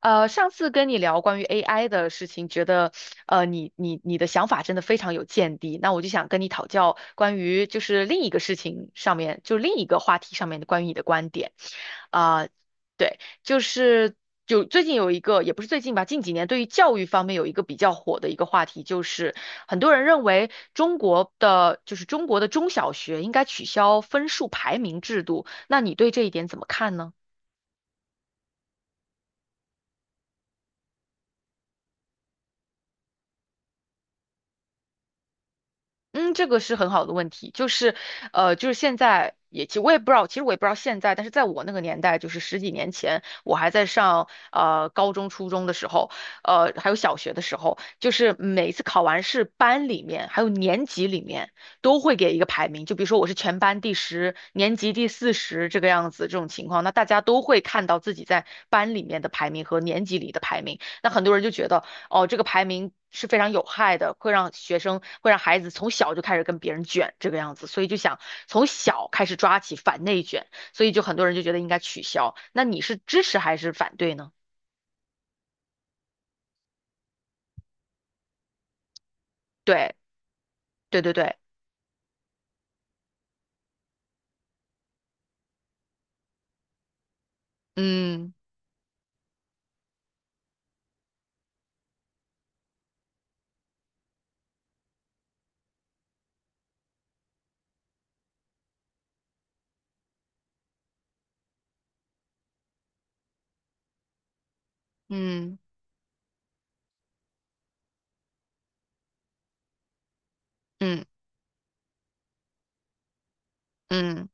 上次跟你聊关于 AI 的事情，觉得你的想法真的非常有见地。那我就想跟你讨教关于就是另一个事情上面，就另一个话题上面的关于你的观点。啊、对，就是最近有一个，也不是最近吧，近几年对于教育方面有一个比较火的一个话题，就是很多人认为中国的中小学应该取消分数排名制度。那你对这一点怎么看呢？嗯，这个是很好的问题，就是，就是现在也，其实我也不知道，其实我也不知道现在，但是在我那个年代，就是十几年前，我还在上高中、初中的时候，还有小学的时候，就是每次考完试，班里面还有年级里面都会给一个排名，就比如说我是全班第十，年级第四十这个样子，这种情况，那大家都会看到自己在班里面的排名和年级里的排名，那很多人就觉得。哦，这个排名是非常有害的，会让学生，会让孩子从小就开始跟别人卷这个样子，所以就想从小开始抓起反内卷，所以就很多人就觉得应该取消。那你是支持还是反对呢？对，对对对，嗯嗯嗯嗯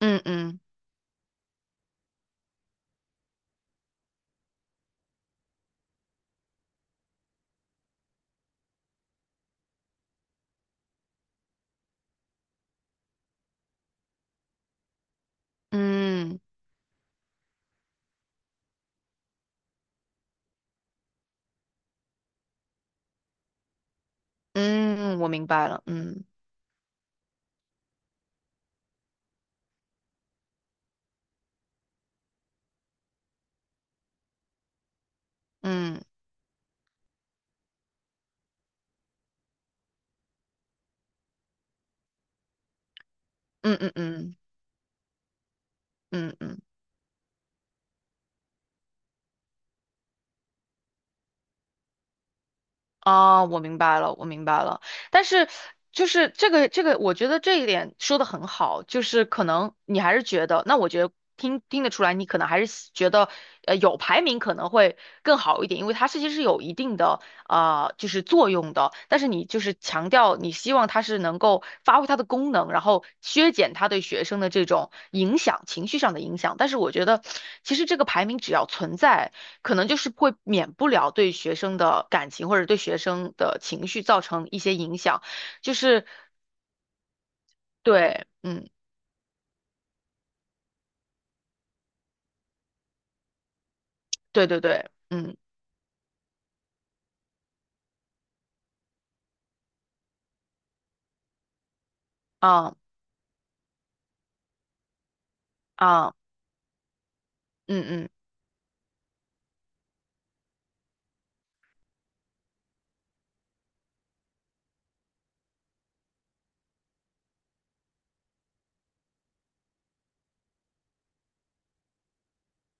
嗯嗯嗯嗯，嗯我明白了，嗯嗯嗯嗯嗯嗯嗯。啊，我明白了，我明白了。但是，就是这个，我觉得这一点说的很好，就是可能你还是觉得，那我觉得听得出来，你可能还是觉得，有排名可能会更好一点，因为它是其实际是有一定的。啊，就是作用的，但是你就是强调你希望它是能够发挥它的功能，然后削减它对学生的这种影响，情绪上的影响。但是我觉得，其实这个排名只要存在，可能就是会免不了对学生的感情或者对学生的情绪造成一些影响，就是对，嗯，对对对，嗯，啊啊，嗯嗯，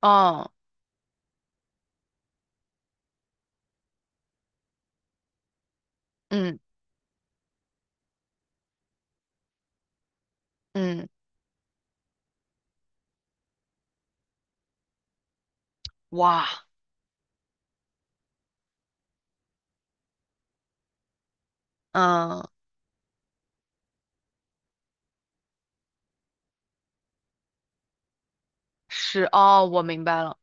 哦，嗯嗯，嗯哇，嗯，是哦，我明白了。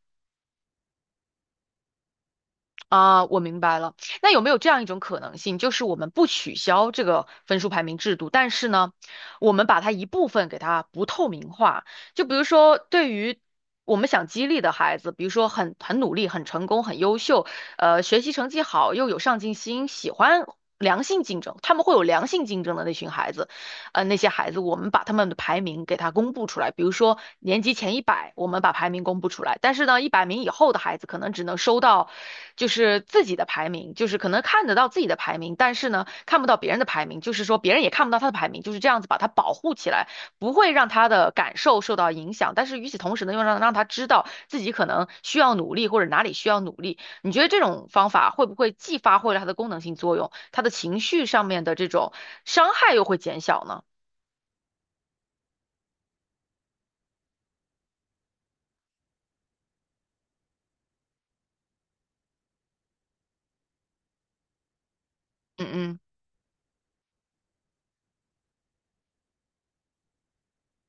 啊，我明白了。那有没有这样一种可能性，就是我们不取消这个分数排名制度，但是呢，我们把它一部分给它不透明化？就比如说，对于我们想激励的孩子，比如说很努力、很成功、很优秀，学习成绩好又有上进心，喜欢良性竞争，他们会有良性竞争的那群孩子。那些孩子，我们把他们的排名给他公布出来。比如说年级前一百，我们把排名公布出来，但是呢，一百名以后的孩子可能只能收到就是自己的排名，就是可能看得到自己的排名，但是呢看不到别人的排名，就是说别人也看不到他的排名，就是这样子把他保护起来，不会让他的感受受到影响。但是与此同时呢，又让他知道自己可能需要努力或者哪里需要努力。你觉得这种方法会不会既发挥了它的功能性作用，他的情绪上面的这种伤害又会减小呢？嗯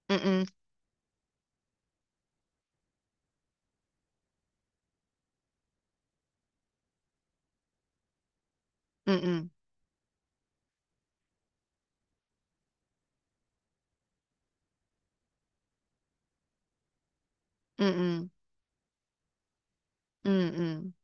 嗯嗯嗯嗯嗯嗯嗯嗯，嗯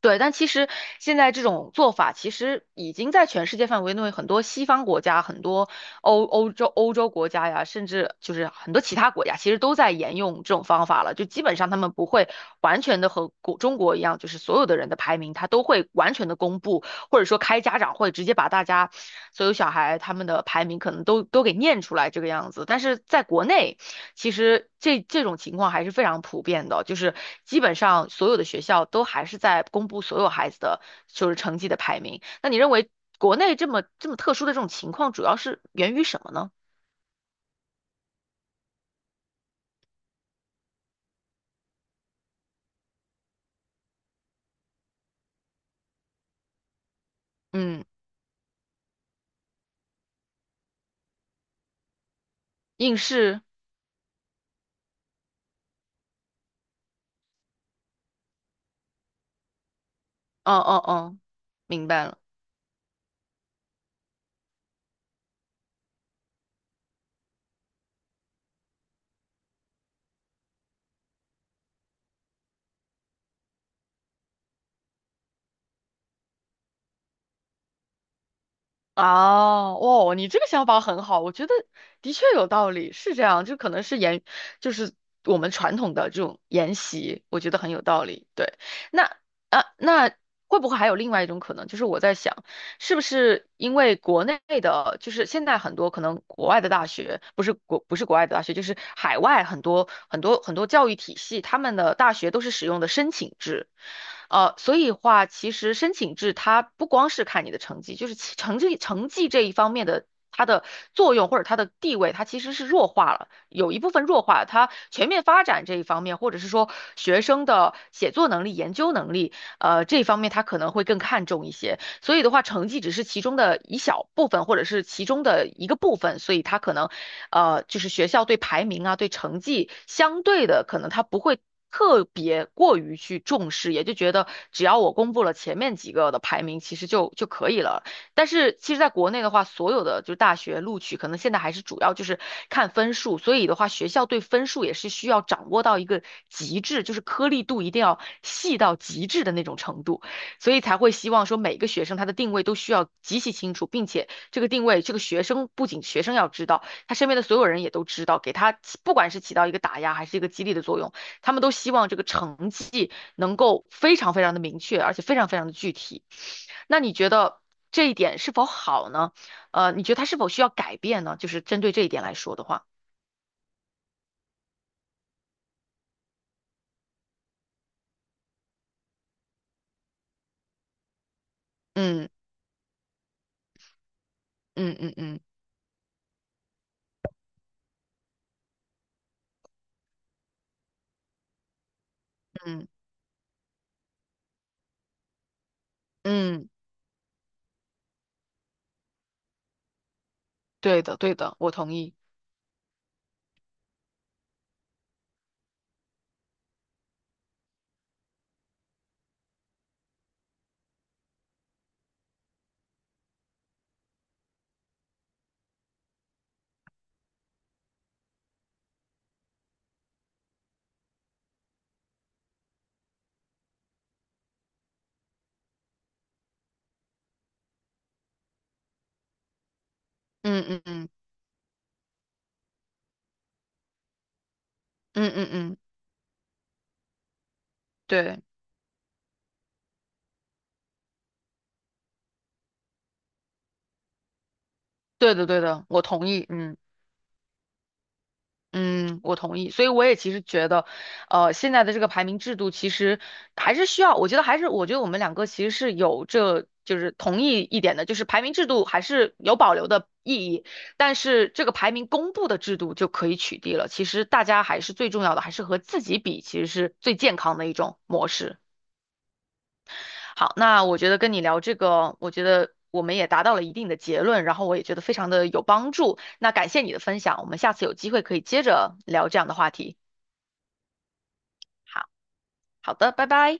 对。但其实现在这种做法，其实已经在全世界范围内，很多西方国家、很多欧洲国家呀，甚至就是很多其他国家，其实都在沿用这种方法了。就基本上他们不会完全的和中国一样，就是所有的人的排名，他都会完全的公布，或者说开家长会，直接把大家所有小孩他们的排名可能都给念出来这个样子。但是在国内，其实这种情况还是非常普遍的，就是基本上所有的学校都还是在公布所有孩子的就是成绩的排名。那你认为国内这么特殊的这种情况，主要是源于什么呢？嗯，应试，嗯嗯嗯，明白了。啊，哦，你这个想法很好，我觉得的确有道理，是这样，就可能是沿，就是我们传统的这种沿袭，我觉得很有道理。对，那啊，那会不会还有另外一种可能，就是我在想。是不是因为国内的，就是现在很多可能国外的大学，不是国外的大学，就是海外很多很多很多教育体系，他们的大学都是使用的申请制，呃，所以话其实申请制它不光是看你的成绩，就是其成绩这一方面的。它的作用或者它的地位，它其实是弱化了，有一部分弱化了它全面发展这一方面，或者是说学生的写作能力、研究能力，这一方面它可能会更看重一些。所以的话，成绩只是其中的一小部分，或者是其中的一个部分，所以他可能，就是学校对排名啊，对成绩相对的，可能他不会。特别过于去重视，也就觉得只要我公布了前面几个的排名，其实就可以了。但是其实在国内的话，所有的就是大学录取，可能现在还是主要就是看分数，所以的话，学校对分数也是需要掌握到一个极致，就是颗粒度一定要细到极致的那种程度。所以才会希望说每个学生他的定位都需要极其清楚，并且这个定位，这个学生不仅学生要知道，他身边的所有人也都知道，给他起不管是起到一个打压还是一个激励的作用，他们都希望这个成绩能够非常非常的明确，而且非常非常的具体。那你觉得这一点是否好呢？你觉得他是否需要改变呢？就是针对这一点来说的话，嗯嗯嗯嗯嗯嗯，嗯对的对的，我同意。嗯嗯嗯嗯嗯嗯，对。对的，对的，我同意，嗯嗯，我同意。所以我也其实觉得，现在的这个排名制度其实还是需要，我觉得还是，我觉得我们两个其实是有这就是同意一点的，就是排名制度还是有保留的意义，但是这个排名公布的制度就可以取缔了。其实大家还是最重要的，还是和自己比，其实是最健康的一种模式。好，那我觉得跟你聊这个，我觉得我们也达到了一定的结论，然后我也觉得非常的有帮助。那感谢你的分享，我们下次有机会可以接着聊这样的话题。好，好的，拜拜。